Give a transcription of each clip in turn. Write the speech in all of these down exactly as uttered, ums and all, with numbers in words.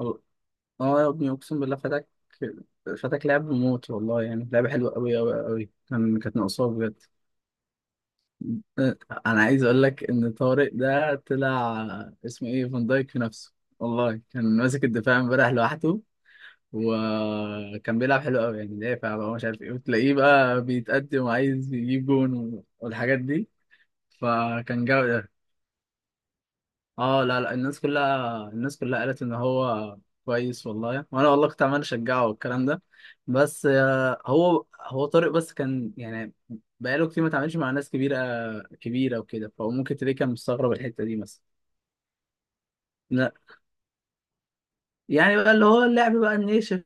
اه آه يا ابني، اقسم بالله فاتك فاتك لعب موت والله. يعني لعبه حلوه قوي قوي قوي، كان كانت ناقصاه بجد. آه، انا عايز اقول لك ان طارق ده طلع اسمه ايه، فان دايك في نفسه والله. كان ماسك الدفاع امبارح لوحده، وكان بيلعب حلو قوي. يعني دافع بقى، مش عارف ايه، وتلاقيه بقى بيتقدم وعايز يجيب جون والحاجات دي. فكان جامد. اه، لا لا، الناس كلها الناس كلها قالت ان هو كويس والله. وانا والله كنت عمال اشجعه والكلام ده. بس آه، هو هو طارق بس كان، يعني بقاله كتير ما اتعاملش مع ناس كبيره كبيره وكده، فهو ممكن تلاقيه كان مستغرب الحته دي مثلا. لا، يعني بقى اللي هو اللعب بقى الناشف،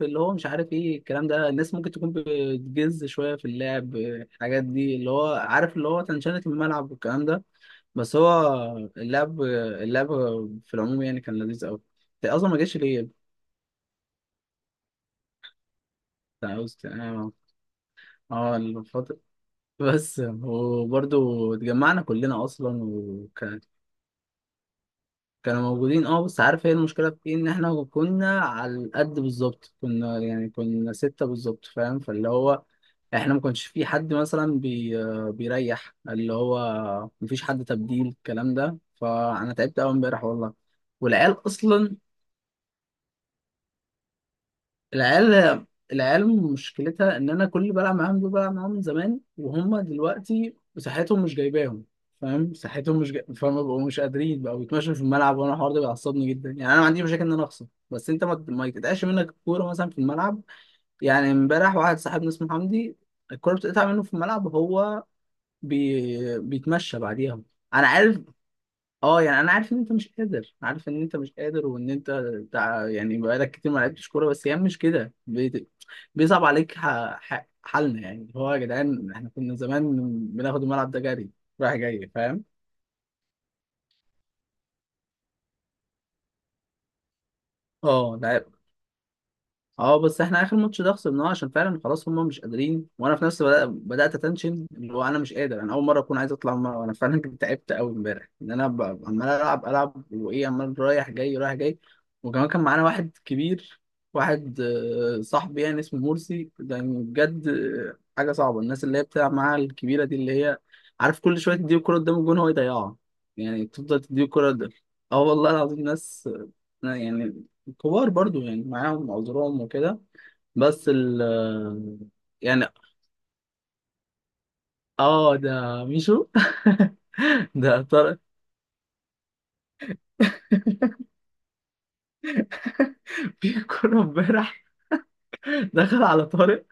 اللي هو مش عارف ايه الكلام ده. الناس ممكن تكون بتجز شويه في اللعب، الحاجات دي اللي هو عارف، اللي هو تنشنة الملعب والكلام ده. بس هو اللعب اللعب في العموم يعني كان لذيذ قوي. ده اصلا ما جاش ليه. بتاع أوست- اه آه، الفترة. بس وبرضه اتجمعنا كلنا اصلا وكان. كانوا موجودين، اه. بس عارف هي المشكلة في ايه؟ ان احنا كنا على القد بالظبط، كنا يعني كنا ستة بالظبط، فاهم؟ فاللي هو احنا ما كانش في حد مثلا بي... بيريح اللي هو، مفيش حد تبديل الكلام ده. فانا تعبت قوي امبارح والله. والعيال اصلا، العيال العيال مشكلتها ان انا كل اللي بلعب معاهم دول بلعب معاهم من زمان، وهم دلوقتي صحتهم مش جايباهم، فاهم؟ صحتهم مش جاي... فاهم، بقوا مش قادرين، بقوا بيتمشوا في الملعب. وانا الحوار ده بيعصبني جدا. يعني انا ما عنديش مشاكل ان انا اخسر، بس انت ما, ما يتقطعش منك الكوره مثلا في الملعب. يعني امبارح واحد صاحبنا اسمه حمدي، الكوره بتقطع منه في الملعب وهو بي... بيتمشى بعديها. انا عارف اه، يعني انا عارف ان انت مش قادر، عارف ان انت مش قادر، وان انت تع... يعني بقالك كتير ما لعبتش كوره. بس هي مش كده، بي... بيصعب عليك ح... ح... حالنا. يعني هو يا جدعان احنا كنا زمان بناخد الملعب ده جري، رايح جاي، فاهم؟ اه اه. بس احنا اخر ماتش ده خسرناه عشان فعلا خلاص هم مش قادرين، وانا في نفسي بدأ بدات اتنشن. اللي هو انا مش قادر، انا اول مره اكون عايز اطلع مرة. انا فعلا كنت تعبت قوي امبارح. ان انا ب- عمال العب العب وايه، عمال رايح جاي رايح جاي. وكمان كان معانا واحد كبير، واحد آه، صاحبي يعني اسمه مرسي. ده يعني بجد آه، حاجه صعبه. الناس اللي هي بتلعب معاها الكبيره دي اللي هي، عارف، كل شويه تديه الكوره قدام الجون هو يضيعها، يعني تفضل تديه الكوره ده. اه والله العظيم، ناس لا يعني كبار برضو، يعني معاهم عذرهم وكده. بس ال، يعني اه، ده ميشو. ده طارق. في كورة امبارح دخل على طارق،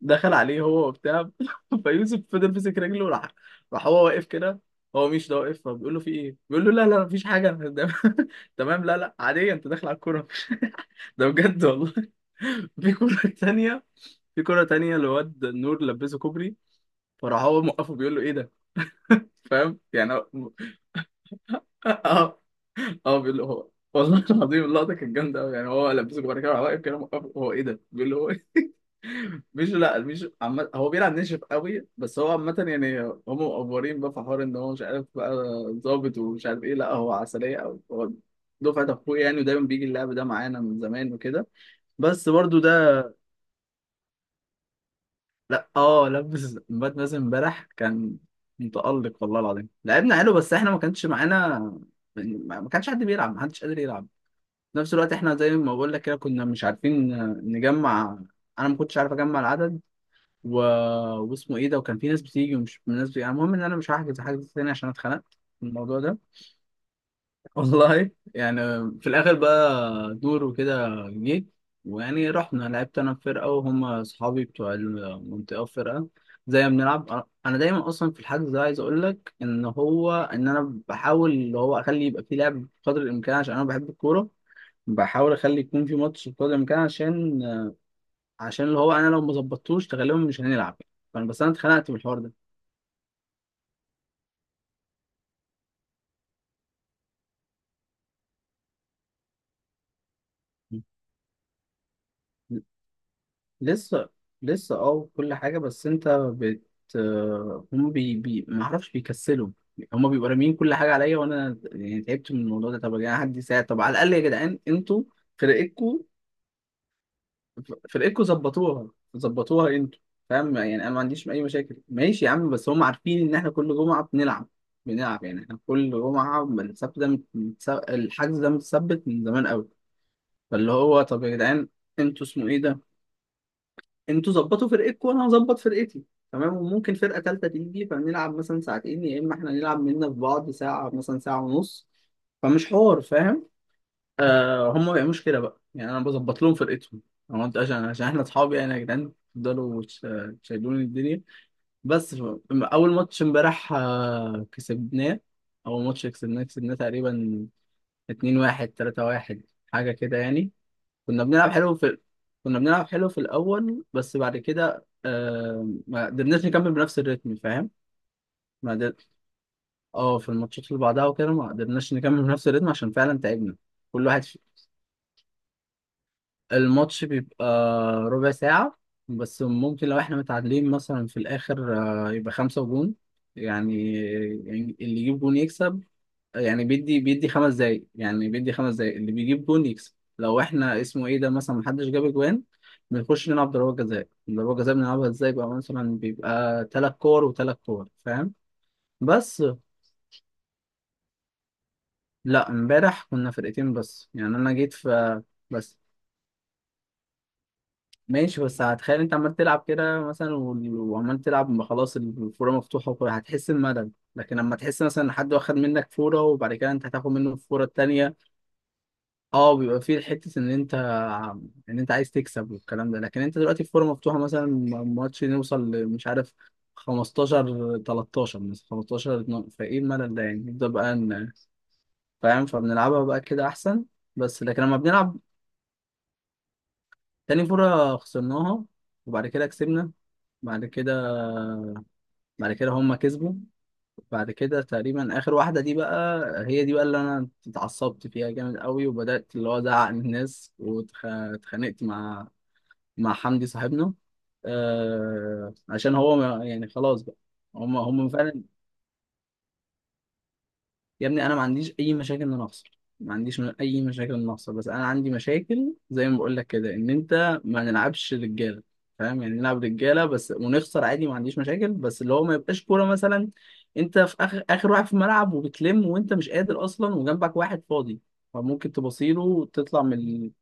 دخل عليه هو وبتاع فيوسف، فضل مسك رجله وراح، راح هو واقف كده، هو ميشو ده واقف. فبيقول له: في ايه؟ بيقول له: لا لا مفيش حاجة، أنا ده- تمام لا لا عادية، انت داخل على الكورة. ده بجد والله. في كورة تانية، في كورة تانية لواد نور لبسه كوبري، فراح هو موقفه بيقول له: ايه ده؟ فاهم، يعني هو- اه. اه بيقول له هو والله العظيم اللقطه كانت جامده قوي. يعني هو لبسه جوه كده واقف كده، موقف هو ايه ده، بيقول له: هو إيه؟ مش لا مش عم... هو بيلعب ناشف قوي بس هو عامه. يعني هم مقفورين بقى في حوار ان هو مش عارف بقى، ظابط ومش عارف ايه. لا، هو عسليه قوي، هو دفعه اخويا يعني، ودايما بيجي اللعب ده معانا من زمان وكده. بس برضو ده. لا اه، لبس بات مازن امبارح، كان متألق والله العظيم. لعبنا حلو، بس احنا ما كانش معانا، ما ما كانش حد بيلعب، ما حدش قادر يلعب في نفس الوقت. احنا زي ما بقول لك كده كنا مش عارفين نجمع، انا ما كنتش عارف اجمع العدد و... واسمه ايه ده. وكان في ناس بتيجي ومش ناس بتيجي. المهم ان انا مش هحجز حاجة تاني عشان اتخنقت من الموضوع ده والله. يعني في الاخر بقى دور وكده جه، ويعني رحنا، لعبت انا في فرقه وهم اصحابي بتوع المنطقه في فرقه. زي ما بنلعب انا دايما اصلا في الحجز ده، عايز اقول لك ان هو ان انا بحاول اللي هو اخلي يبقى في لعب بقدر الامكان عشان انا بحب الكوره. بحاول اخلي يكون في ماتش بقدر الامكان، عشان عشان اللي هو انا لو ما ظبطتوش غالبا مش هنلعب. فانا بس انا اتخنقت من الحوار ده. لسه لسه اه كل حاجة. بس انت بت آه، هم بي بي ما اعرفش بيكسلوا، هم بيبقوا راميين كل حاجة عليا، وانا يعني تعبت من الموضوع ده. طب يا جدعان حد يساعد، طب على الأقل يا جدعان انتوا فرقتكوا فرقتكوا ظبطوها، ظبطوها انتوا، فاهم؟ يعني انا ما عنديش اي مشاكل، ماشي يا عم، بس هم عارفين ان احنا كل جمعة بنلعب، بنلعب. يعني احنا كل جمعة من السبت ده متس- الحجز ده متثبت من زمان قوي. فاللي هو طب يا جدعان، انتوا اسمه ايه ده، انتوا ظبطوا فرقتكم، وانا هظبط فرقتي. تمام، وممكن فرقه ثالثه تيجي فنلعب مثلا ساعتين، يا اما احنا نلعب مننا في بعض ساعه مثلا ساعه ونص. فمش حوار، فاهم؟ آه هم ما بيعملوش كده بقى، يعني انا بظبط لهم فرقتهم. انا قلت عشان عشان احنا اصحاب، يعني يا جدعان تفضلوا تش- تشيلوني الدنيا. بس ف- اول ماتش امبارح آه، كسبناه. اول ماتش كسبناه، كسبناه تقريبا اتنين واحد، تلاتة واحد، حاجه كده يعني. كنا بنلعب حلو في، كنا بنلعب حلو في الأول، بس بعد كده آه... ما قدرناش نكمل بنفس الريتم، فاهم؟ ما قدر... اه، في الماتشات اللي بعدها وكده ما قدرناش نكمل بنفس الريتم عشان فعلا تعبنا. كل واحد في، الماتش بيبقى ربع ساعة، بس ممكن لو احنا متعادلين مثلا في الآخر آه... يبقى خمسة جون يعني، يعني اللي يجيب جون يكسب. يعني بيدي بيدي خمس دقايق، يعني بيدي خمس دقايق، اللي بيجيب جون يكسب. لو احنا اسمه ايه ده مثلا محدش جاب جوان، بنخش نلعب ضربات جزاء. ضربات جزاء بنلعبها ازاي بقى؟ مثلا بيبقى تلات كور وتلات كور، فاهم؟ بس لا، امبارح كنا فرقتين بس، يعني انا جيت في بس. ماشي، بس هتخيل انت عمال تلعب كده مثلا، وال- وعمال تلعب، ما خلاص الفوره مفتوحه، وكل- هتحس بملل. لكن لما تحس مثلا ان حد واخد منك فوره وبعد كده انت هتاخد منه الفوره التانيه، اه، بيبقى فيه حته ان انت، ان انت عايز تكسب والكلام ده. لكن انت دلوقتي في فورمه مفتوحه مثلا، م- ماتش نوصل ل- مش عارف، خمستاشر تلتاشر مثلا، خمستاشر اتناشر، فايه الملل ده يعني؟ نبدا بقى ن- فاهم؟ فبنلعبها بقى كده احسن. بس لكن لما بنلعب، تاني فوره خسرناها، وبعد كده كسبنا، بعد كده بعد كده هما كسبوا، بعد كده تقريبا اخر واحده دي بقى، هي دي بقى اللي انا اتعصبت فيها جامد قوي. وبدات اللي هو ازعق للناس، واتخانقت مع، مع حمدي صاحبنا، آه عشان هو ما يعني خلاص بقى، هم هم فعلا. يا ابني انا ما عنديش اي مشاكل ان انا اخسر، ما عنديش م- اي مشاكل ان أنا اخسر. بس انا عندي مشاكل زي ما بقول لك كده، ان انت ما نلعبش رجاله، فاهم؟ يعني نلعب رجاله بس ونخسر عادي، ما عنديش مشاكل. بس اللي هو ما يبقاش كوره مثلا انت في اخر اخر واحد في الملعب وبتلم وانت مش قادر اصلا، وجنبك واحد فاضي، فممكن تبصيله وتطلع من ال-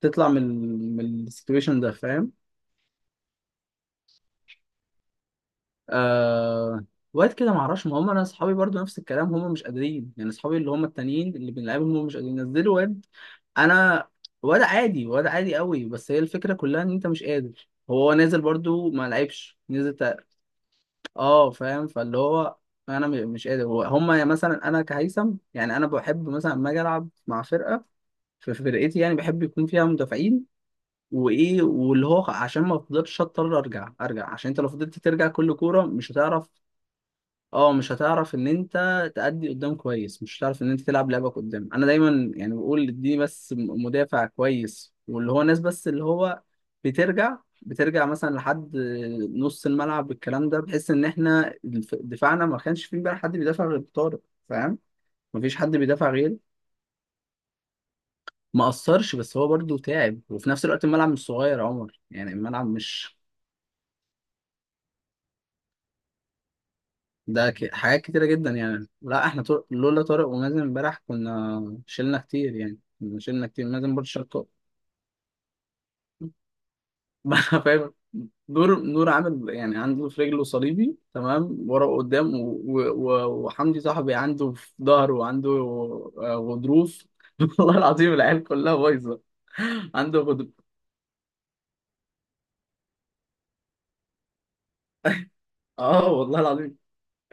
تطلع من ال- من السيتويشن ده، فاهم؟ آه وقت كده معرفش. ما هم انا اصحابي برضو نفس الكلام، هم مش قادرين، يعني اصحابي اللي هم التانيين اللي بنلعبهم هم مش قادرين. نزلوا واد، انا واد عادي، واد عادي قوي، بس هي الفكره كلها ان انت مش قادر. هو نازل برضو ما لعبش، نزل تق- اه، فاهم. فاللي هو انا م- مش قادر، هو- هم يعني مثلا. انا كهيثم يعني انا بحب مثلا لما اجي العب مع فرقه، في فرقتي يعني بحب يكون فيها مدافعين وايه، واللي هو عشان ما افضلش اضطر ارجع ارجع، عشان انت لو فضلت ترجع كل كوره مش هتعرف، اه، مش هتعرف ان انت تأدي قدام كويس، مش هتعرف ان انت تلعب لعبك قدام. انا دايما يعني بقول دي بس، م- مدافع كويس واللي هو ناس، بس اللي هو بترجع بترجع مثلا لحد نص الملعب الكلام ده، بحيث ان احنا الف- دفاعنا ما كانش فيه بقى حد بيدافع غير طارق، فاهم؟ مفيش حد بيدافع غيره. ما قصرش، بس هو برضه تعب، وفي نفس الوقت الملعب مش صغير يا عمر، يعني الملعب مش ده ك... حاجات كتيرة جدا. يعني لا احنا طر... لولا طارق ومازن امبارح كنا شلنا كتير، يعني كنا شلنا كتير، مازن برضه شال طارق. فاهم. نور نور عامل يعني عنده في رجله صليبي، تمام ورا وقدام، و... و... وحمدي صاحبي عنده في ظهره وعنده آه، غضروف. والله العظيم العيال كلها بايظة. عنده غضروف اه والله العظيم.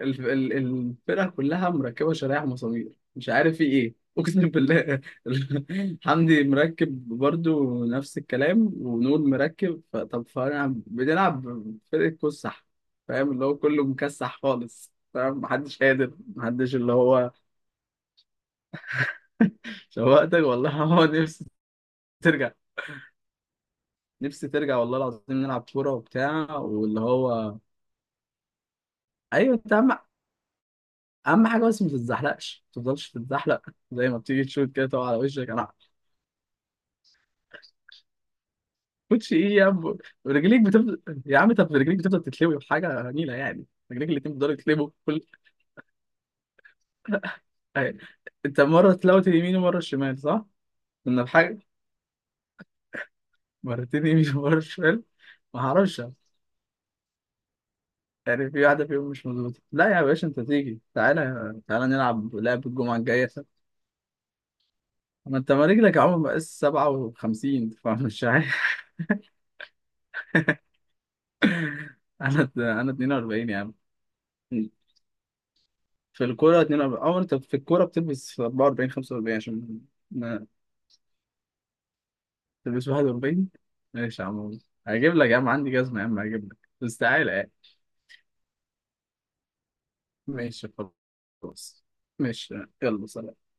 الف- ال- الفرقة كلها مركبة شرايح مسامير، مش عارف في ايه، اقسم بالله. حمدي مركب برضو نفس الكلام، ونور مركب ف- طب فانا بنلعب فرقة كسح، فاهم؟ اللي هو كله مكسح خالص، فاهم؟ محدش قادر، محدش اللي هو. شوقتك والله. هو نفسي ترجع، نفسي ترجع والله العظيم. نلعب كورة وبتاع واللي هو، ايوه انت اهم، اهم حاجة بس ما تتزحلقش، ما تفضلش تتزحلق زي ما بتيجي تشوت كده تقع على وشك. انا كوتشي ايه يا عم، رجليك بتفضل يا عم، طب رجليك بتفضل تتلوي بحاجه نيله يعني، رجليك الاتنين بتفضلوا يتلوي كل، أهي. انت مره تلوت اليمين ومره الشمال، صح؟ كنا بحاجه. مرتين يمين ومره شمال. ما هعرفش، يعني في واحده فيهم مش مظبوطه. لا يا باشا، انت تيجي تعالى تعالى نلعب لعب الجمعه الجايه سوا. ما انت ما رجلك يا عم مقاس سبعة وخمسين فمش عارف. انا انا اتنين واربعين يا عم. في الكوره اتنين واربعين، او انت في الكوره بتلبس اربعة واربعين خمسة واربعين عشان تلبس واحد واربعين. ماشي يا عم، هجيب لك يا عم، عندي جزمة يا عم هجيب لك، بس تعالى يعني. ماشي خلاص. ماشي. يلا سلام.